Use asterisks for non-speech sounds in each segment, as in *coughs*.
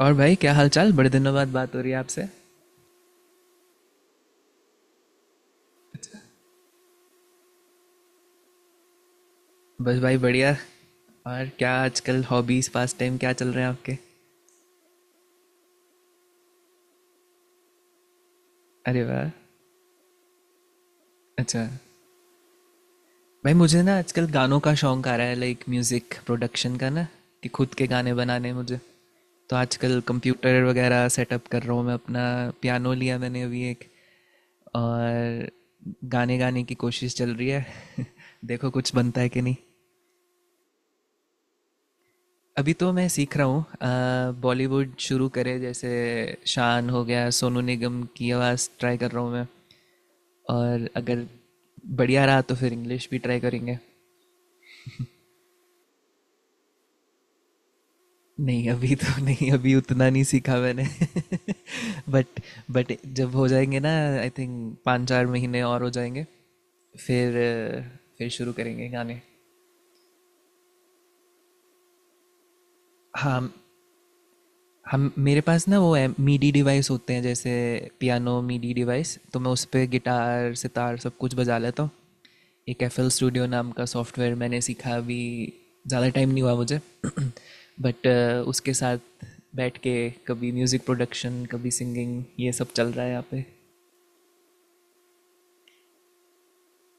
और भाई क्या हालचाल, बड़े दिनों बाद बात हो रही है आपसे। बस भाई बढ़िया। और क्या आजकल हॉबीज़, पास टाइम क्या चल रहे हैं आपके? अरे वाह। अच्छा। भाई मुझे ना आजकल गानों का शौक आ रहा है, लाइक म्यूज़िक प्रोडक्शन का ना कि खुद के गाने बनाने मुझे। तो आजकल कंप्यूटर वगैरह सेटअप कर रहा हूँ मैं अपना। पियानो लिया मैंने अभी एक। और गाने गाने की कोशिश चल रही है। *laughs* देखो कुछ बनता है कि नहीं। अभी तो मैं सीख रहा हूँ, बॉलीवुड शुरू करे जैसे, शान हो गया, सोनू निगम की आवाज़ ट्राई कर रहा हूँ मैं। और अगर बढ़िया रहा तो फिर इंग्लिश भी ट्राई करेंगे। नहीं अभी तो *laughs* नहीं, अभी उतना नहीं सीखा मैंने। *laughs* बट जब हो जाएंगे ना, आई थिंक पाँच चार महीने और हो जाएंगे। फिर शुरू करेंगे गाने। हाँ। हम, मेरे पास ना वो है, मीडी डिवाइस होते हैं जैसे पियानो मीडी डिवाइस, तो मैं उस पे गिटार सितार सब कुछ बजा लेता हूँ। एक एफ एल स्टूडियो नाम का सॉफ्टवेयर मैंने सीखा अभी, ज़्यादा टाइम नहीं हुआ मुझे। *clears throat* *coughs* बट उसके साथ बैठ के कभी म्यूज़िक प्रोडक्शन, कभी सिंगिंग, ये सब चल रहा है यहाँ पे।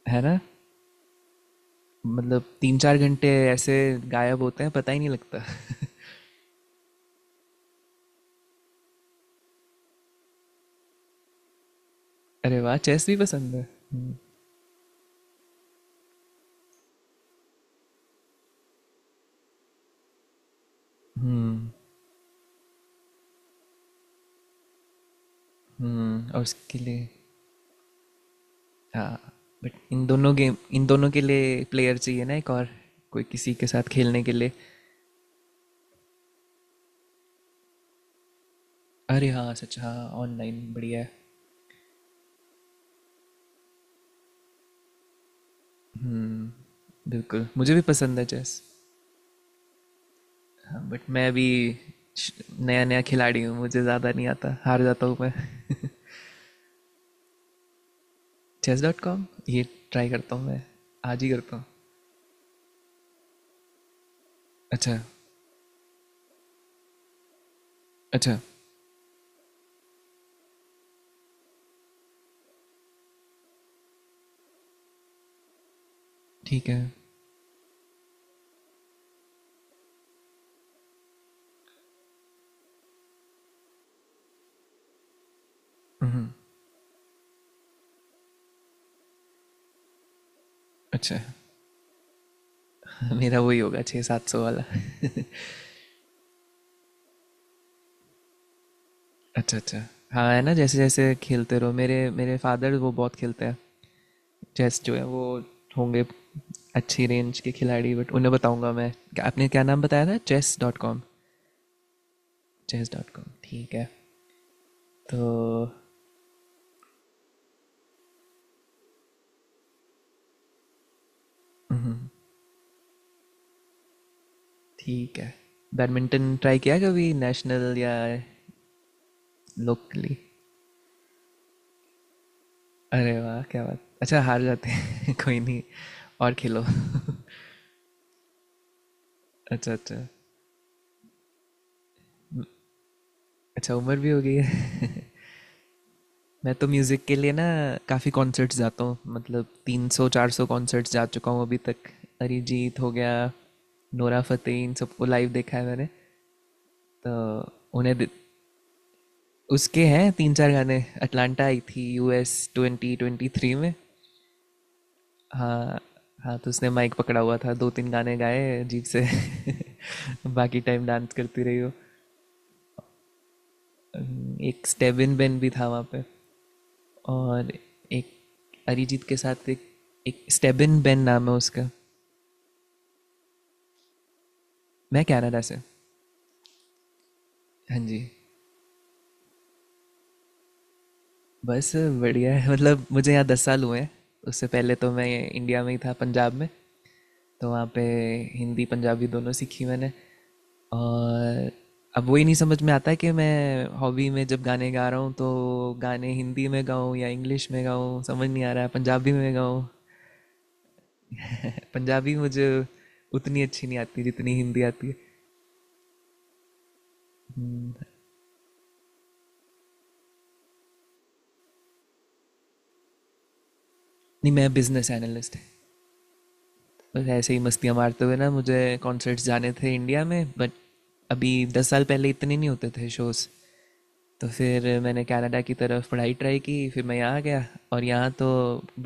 है ना। मतलब 3-4 घंटे ऐसे गायब होते हैं, पता ही नहीं लगता। *laughs* अरे वाह, चेस भी पसंद है। हम्म। हम्म। और उसके लिए। हाँ बट इन दोनों गेम, इन दोनों के लिए प्लेयर चाहिए ना एक और, कोई किसी के साथ खेलने के लिए। अरे हाँ सच, हाँ। ऑनलाइन बढ़िया है। हम्म, बिल्कुल मुझे भी पसंद है चेस। हाँ बट मैं अभी नया नया खिलाड़ी हूँ, मुझे ज़्यादा नहीं आता, हार जाता हूँ मैं। *laughs* चेस डॉट कॉम, ये ट्राई करता हूँ मैं, आज ही करता हूँ। अच्छा अच्छा। ठीक है। हम्म। अच्छा *laughs* मेरा वही होगा, 600-700 वाला। *laughs* अच्छा अच्छा। हाँ है ना, जैसे जैसे खेलते रहो, मेरे मेरे फादर वो बहुत खेलते हैं, चेस जो है वो, होंगे अच्छी रेंज के खिलाड़ी। बट उन्हें बताऊंगा मैं, क्या- आपने क्या नाम बताया था, chess dot com? Chess dot com, ठीक है। तो ठीक है, बैडमिंटन ट्राई किया कभी, नेशनल या लोकली? अरे वाह क्या बात, अच्छा हार जाते हैं *laughs* कोई नहीं, और खेलो। *laughs* अच्छा अच्छा। अच्छा, उम्र भी हो गई है। *laughs* मैं तो म्यूज़िक के लिए ना काफ़ी कॉन्सर्ट्स जाता हूँ, मतलब 300-400 कॉन्सर्ट्स जा चुका हूँ अभी तक। अरिजीत हो गया, नोरा फतेही, इन सबको लाइव देखा है मैंने। तो उन्हें दे- उसके हैं 3-4 गाने, अटलांटा आई थी यूएस 2023 में। हाँ हाँ, तो उसने माइक पकड़ा हुआ था, 2-3 गाने गाए अजीब से। *laughs* बाकी टाइम डांस करती रही हो। एक स्टेबिन बेन भी था वहाँ पे, और एक अरिजीत के साथ, एक एक स्टेबिन बेन नाम है उसका। मैं कनाडा से। हाँ जी। बस बढ़िया है, मतलब मुझे यहाँ 10 साल हुए हैं। उससे पहले तो मैं इंडिया में ही था, पंजाब में। तो वहाँ पे हिंदी पंजाबी दोनों सीखी मैंने। और अब वही नहीं समझ में आता कि मैं हॉबी में जब गाने गा रहा हूँ तो गाने हिंदी में गाऊँ या इंग्लिश में गाऊँ, समझ नहीं आ रहा है, पंजाबी में गाऊँ। *laughs* पंजाबी मुझे उतनी अच्छी नहीं आती जितनी हिंदी आती है। नहीं मैं बिजनेस एनालिस्ट है। बस ऐसे ही मस्तियाँ मारते हुए ना, मुझे कॉन्सर्ट्स जाने थे इंडिया में, बट अभी 10 साल पहले इतने नहीं होते थे शोज़। तो फिर मैंने कनाडा की तरफ पढ़ाई ट्राई की, फिर मैं यहाँ आ गया। और यहाँ तो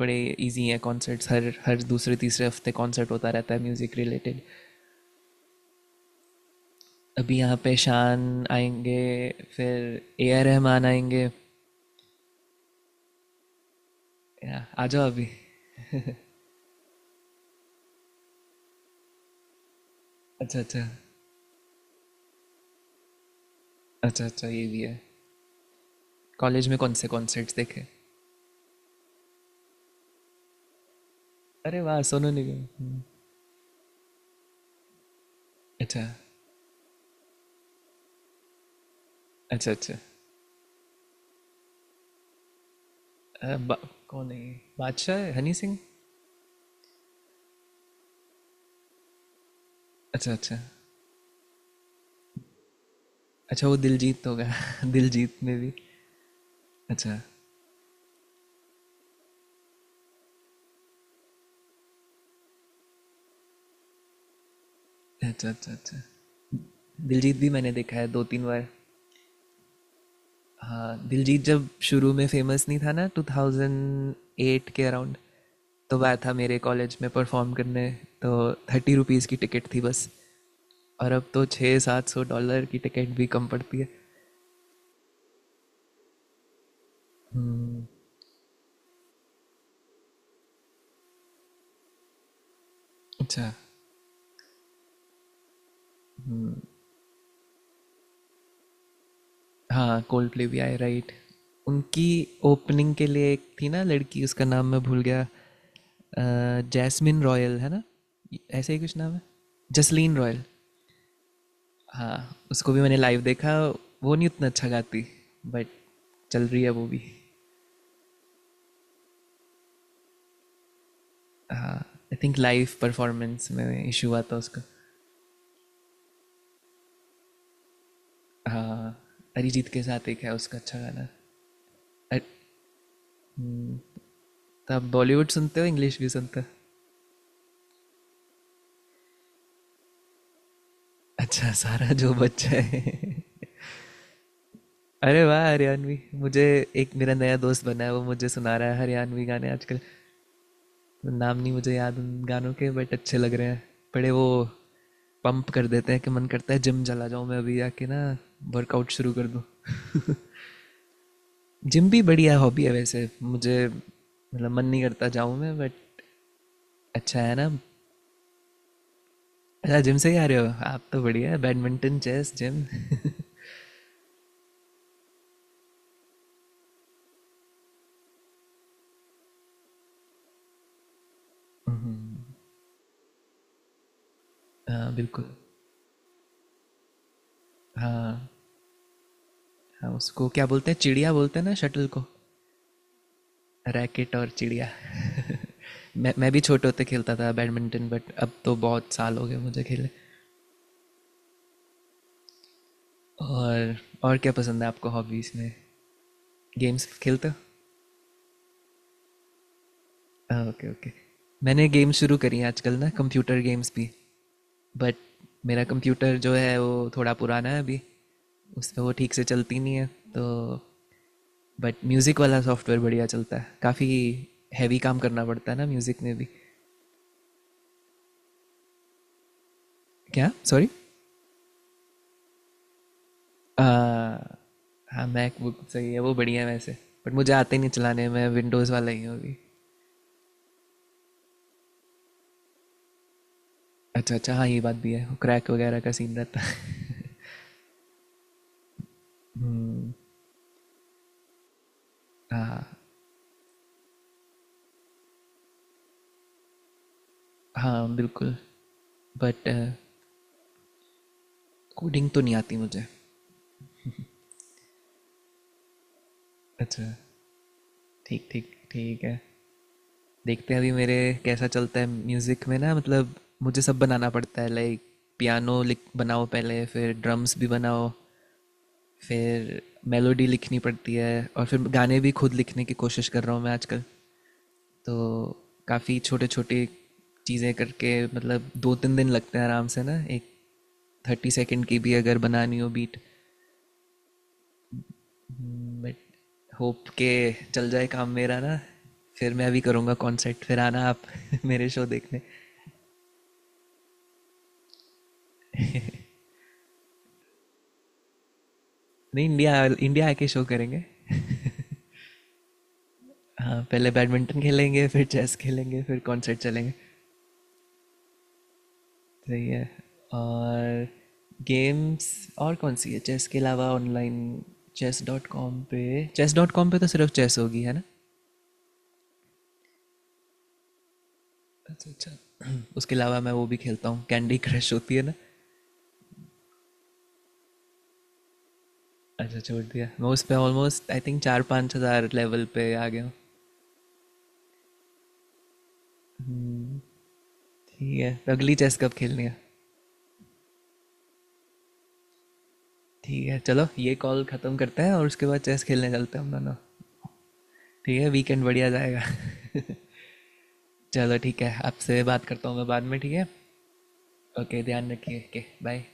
बड़े इजी हैं कॉन्सर्ट्स, हर हर दूसरे तीसरे हफ्ते कॉन्सर्ट होता रहता है म्यूज़िक रिलेटेड। अभी यहाँ पे शान आएंगे, फिर ए आर रहमान आएंगे, या, आ जाओ अभी। अच्छा अच्छा। अच्छा अच्छा, ये भी है। कॉलेज में कौन से कॉन्सर्ट्स देखे? अरे वाह सोनू निगम, अच्छा अच्छा अच्छा, अ, बा, कौन है ये? बादशाह है, हनी सिंह? अच्छा अच्छा। अच्छा वो दिलजीत होगा *laughs* दिलजीत में भी। अच्छा। अच्छा। अच्छा अच्छा, दिलजीत भी मैंने देखा है 2-3 बार। हाँ दिलजीत जब शुरू में फेमस नहीं था ना, 2008 के अराउंड, तो वह था मेरे कॉलेज में परफॉर्म करने। तो 30 रुपीज़ की टिकट थी बस, और अब तो 600-700 डॉलर की टिकट भी कम पड़ती है। अच्छा। हाँ कोल्डप्ले भी आए, राइट? उनकी ओपनिंग के लिए एक थी ना लड़की, उसका नाम मैं भूल गया, जैस्मिन रॉयल है ना, ऐसे ही कुछ नाम है, जसलीन रॉयल। हाँ उसको भी मैंने लाइव देखा, वो नहीं उतना अच्छा गाती, बट चल रही है वो भी। हाँ आई थिंक लाइव परफॉर्मेंस में इशू हुआ था उसका। हाँ अरिजीत के साथ एक है उसका अच्छा गाना। अर- हम्म, तो आप बॉलीवुड सुनते हो, इंग्लिश भी सुनते हो? अच्छा सारा जो बच्चा है। *laughs* अरे वाह, हरियाणवी। मुझे एक मेरा नया दोस्त बना है, वो मुझे सुना रहा है हरियाणवी गाने आजकल। नाम नहीं मुझे याद उन गानों के, बट अच्छे लग रहे हैं। बड़े वो पंप कर देते हैं कि मन करता है जिम चला जाऊँ मैं अभी आके ना, वर्कआउट शुरू कर दूँ। *laughs* जिम भी बढ़िया हॉबी है वैसे, मुझे मतलब मन नहीं करता जाऊँ मैं, बट अच्छा है ना। अच्छा जिम से ही आ रहे हो, आप तो बढ़िया है, बैडमिंटन चेस जिम। *laughs* हाँ बिल्कुल। हाँ हाँ, उसको क्या बोलते हैं, चिड़िया बोलते हैं ना शटल को? रैकेट और चिड़िया। *laughs* मैं भी छोटे होते खेलता था बैडमिंटन, बट अब तो बहुत साल हो गए मुझे खेले। और और क्या पसंद है आपको हॉबीज़ में, गेम्स खेलते हो? ओके ओके, मैंने गेम्स शुरू करी हैं आजकल ना, कंप्यूटर गेम्स भी, बट मेरा कंप्यूटर जो है वो थोड़ा पुराना है अभी, उस पर वो ठीक से चलती नहीं है तो। बट म्यूज़िक वाला सॉफ्टवेयर बढ़िया चलता है काफ़ी, हैवी काम करना पड़ता है ना म्यूज़िक में भी। क्या सॉरी? आ, हाँ मैकबुक सही है, वो बढ़िया है वैसे, बट मुझे आते ही नहीं चलाने, मैं विंडोज़ वाला ही हूँ अभी। अच्छा अच्छा, हाँ ये बात भी है, क्रैक वगैरह का सीन रहता है। हम्म, हाँ हाँ बिल्कुल, बट कोडिंग तो नहीं आती मुझे। अच्छा, ठीक ठीक, ठीक है। देखते हैं अभी मेरे कैसा चलता है म्यूज़िक में ना, मतलब मुझे सब बनाना पड़ता है, लाइक पियानो लिख बनाओ पहले, फिर ड्रम्स भी बनाओ, फिर मेलोडी लिखनी पड़ती है, और फिर गाने भी खुद लिखने की कोशिश कर रहा हूँ मैं आजकल। तो काफ़ी छोटे छोटे चीज़ें करके, मतलब 2-3 दिन लगते हैं आराम से ना एक 30 सेकेंड की भी अगर बनानी हो बीट। बट होप के चल जाए काम मेरा ना, फिर मैं भी करूँगा कॉन्सर्ट, फिर आना आप *laughs* मेरे शो देखने। नहीं इंडिया, इंडिया आके शो करेंगे। हाँ पहले बैडमिंटन खेलेंगे, फिर चेस खेलेंगे, फिर कॉन्सर्ट चलेंगे। सही है। और गेम्स, और कौन सी है चेस के अलावा ऑनलाइन? चेस डॉट कॉम पे, चेस डॉट कॉम पे तो सिर्फ चेस होगी है ना? अच्छा अच्छा। *clears throat* उसके अलावा मैं वो भी खेलता हूँ, कैंडी क्रश होती है ना। अच्छा छोड़ दिया, मैं उस पर ऑलमोस्ट आई थिंक 4-5 हज़ार लेवल पे आ गया हूँ। हम्म, ठीक है, तो अगली चेस कब खेलनी है? ठीक है चलो, ये कॉल ख़त्म करते हैं और उसके बाद चेस खेलने चलते हैं हम दोनों। ठीक है वीकेंड बढ़िया जाएगा। *laughs* चलो ठीक है, आपसे बात करता हूँ मैं बाद में, ठीक है। ओके ध्यान रखिए, ओके बाय।